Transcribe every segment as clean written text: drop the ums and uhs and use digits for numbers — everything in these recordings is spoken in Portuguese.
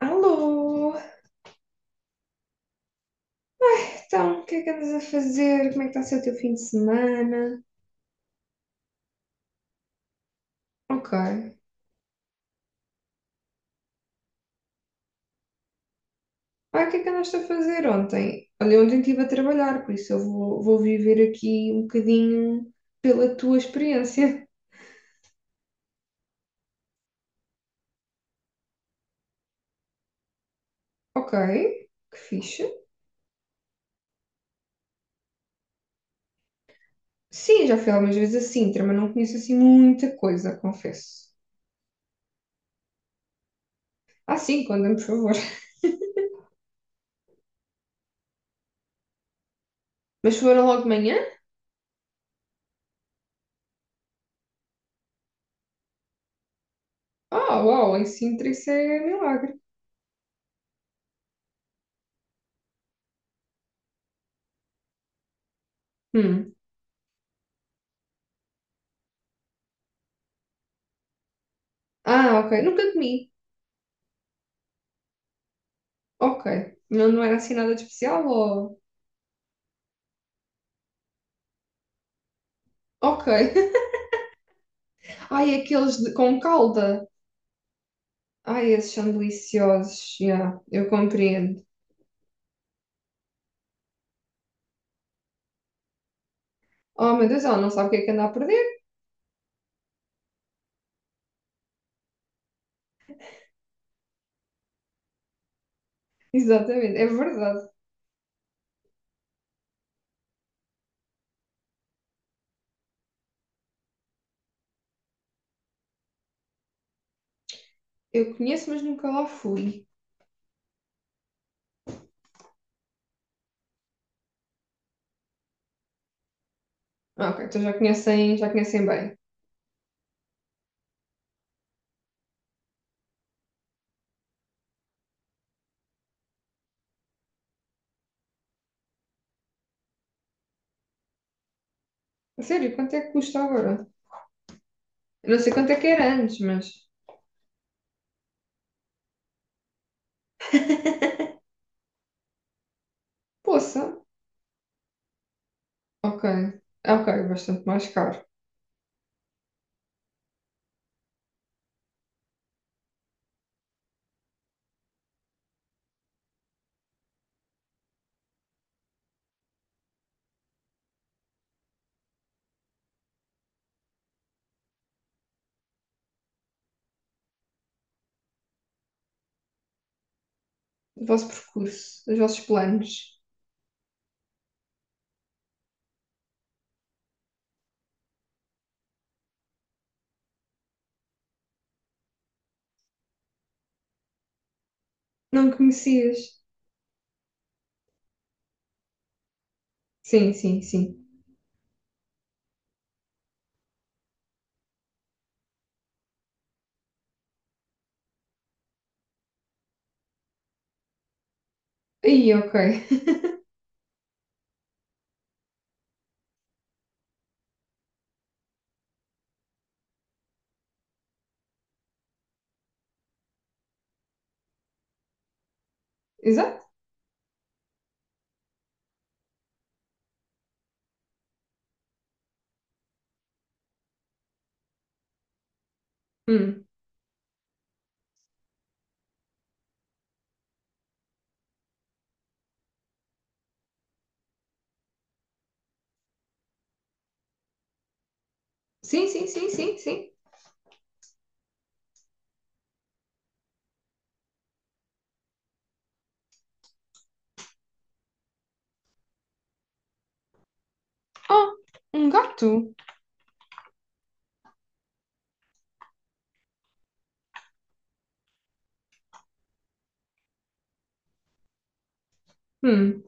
Alô! Então, o que é que andas a fazer? Como é que está a ser o teu fim de semana? Ok. Ah, o que é que andaste a fazer ontem? Olha, ontem estive a trabalhar, por isso eu vou viver aqui um bocadinho pela tua experiência. Ok, que fixe. Sim, já fui algumas vezes a Sintra, mas não conheço assim muita coisa, confesso. Ah, sim, conta-me, por favor. Mas foram logo de manhã? Ah, uau, em Sintra isso é milagre. Hum. Ah, ok. Nunca comi. Ok. Não, não era assim nada de especial ou. Ok. Ai, aqueles de- com calda. Ai, esses são deliciosos. Já, eu compreendo. Oh, meu Deus, ela não sabe o que é que anda a perder. Exatamente, é verdade. Eu conheço, mas nunca lá fui. Ah, ok, então já conhecem bem. A sério, quanto é que custa agora? Eu não sei quanto é que era antes, mas. Poça. Ok. Ah, ok, bastante mais caro. O vosso percurso, os vossos planos. Não me conhecias? Sim, sim, sim. Aí, ok. Exato. Hum. Sim, sim, sim, sim, sim. Ah, um gato? Hum,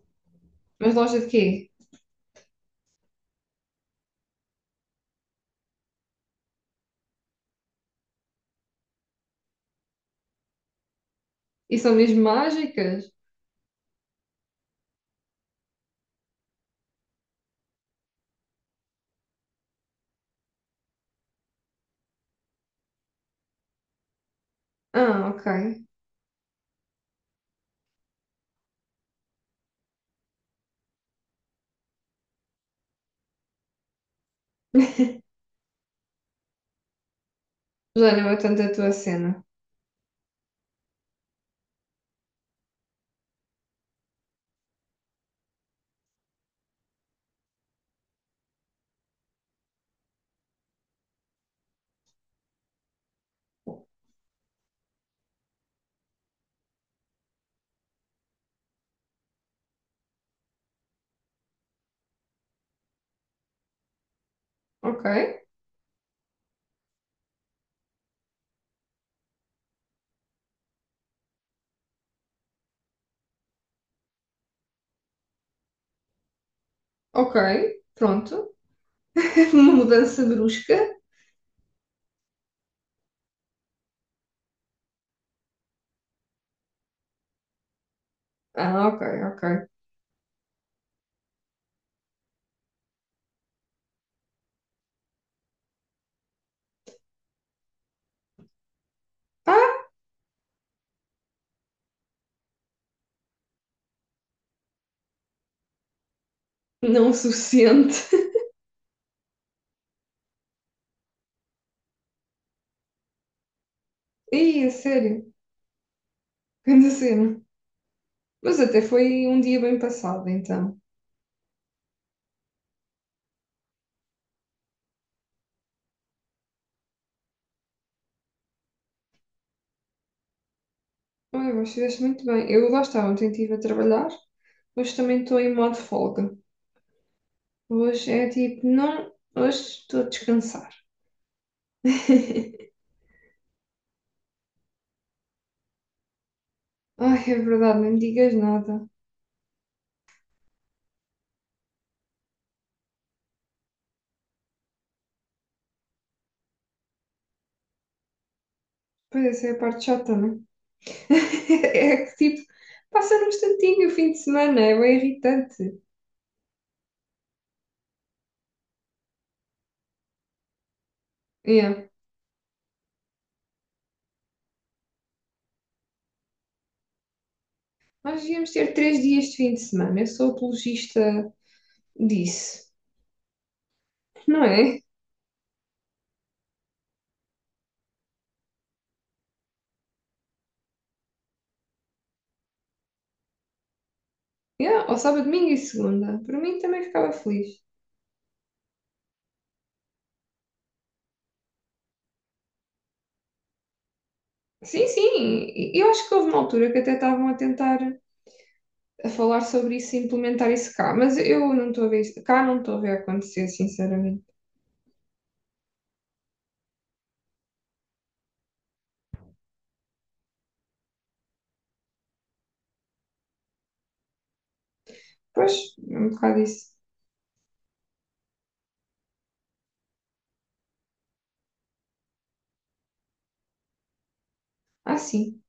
mas loja de quê? E são mesmo mágicas? Ah, ok. Já não é tanto a tua cena. Ok, ok, pronto. Uma mudança brusca. Ah, ok, ok. Ah, não o suficiente. Ih, a sério, grande cena. Mas até foi um dia bem passado, então. Olha, mas fizeste muito bem. Eu lá estava, ontem estive a trabalhar. Hoje também estou em modo folga. Hoje é tipo, não, hoje estou a descansar. Ai, é verdade, não me digas nada. Pois essa é a parte chata, não é? É que tipo, passa num instantinho o fim de semana, é bem irritante. Yeah. Nós devíamos ter 3 dias de fim de semana, eu sou apologista disso, não é? Yeah. Ou sábado, domingo e segunda. Para mim também ficava feliz. Sim, sim, eu acho que houve uma altura que até estavam a tentar a falar sobre isso e implementar isso cá, mas eu não estou a ver isso, cá não estou a ver acontecer, sinceramente. Pois, é um bocado isso. Ah, sim.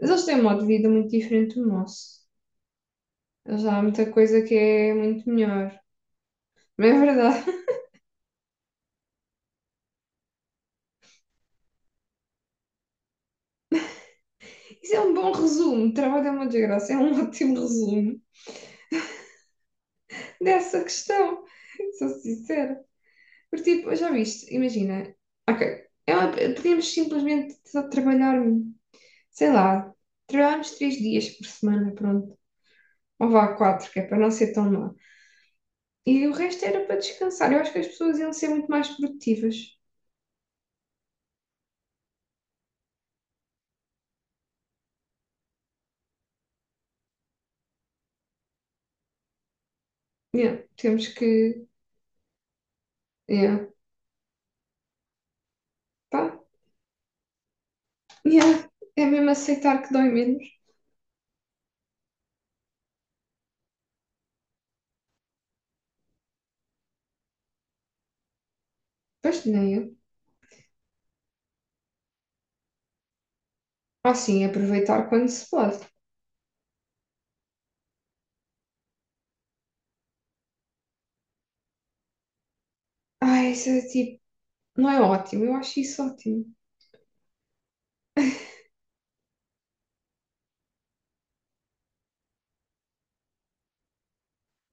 Mas eles têm um modo de vida muito diferente do nosso. Eles há muita coisa que é muito melhor. Mas é verdade. Isso é um bom resumo. Trabalho é uma desgraça. É um ótimo resumo dessa questão. Sou sincera. Porque, tipo, já viste, imagina. Ok. Podíamos simplesmente só trabalhar, um, sei lá, trabalharmos 3 dias por semana, pronto. Ou vá quatro, que é para não ser tão má. E o resto era para descansar. Eu acho que as pessoas iam ser muito mais produtivas. Yeah, temos que. Yeah. Pá, yeah, é mesmo aceitar que dói menos. Pois nem eu. Ah, sim, aproveitar quando se pode. Ai, isso é tipo, não é ótimo, eu acho isso ótimo.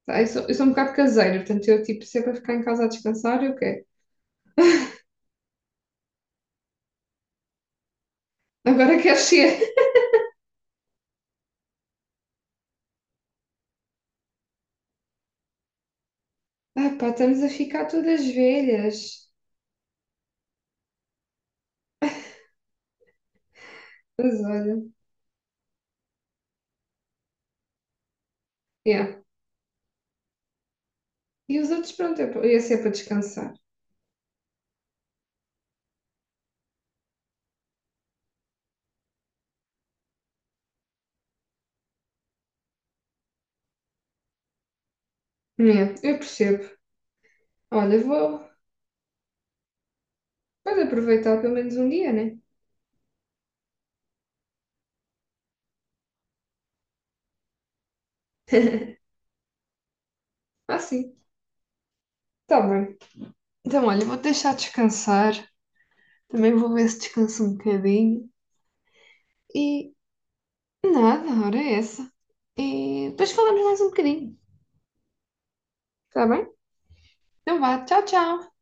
Tá, eu sou um bocado caseira, portanto, eu tipo, sempre para ficar em casa a descansar, eu quero. Agora quero ser. Ah, pá, estamos a ficar todas velhas. Mas olha, yeah. E os outros, pronto, eu ia ser para descansar. Yeah, eu percebo. Olha, vou aproveitar pelo menos um dia, né? Ah, sim, tá bem. Então, olha, vou deixar descansar. Também vou ver se descanso um bocadinho. E nada, ora é essa. E depois falamos mais um bocadinho, está bem? Então vá, tchau, tchau.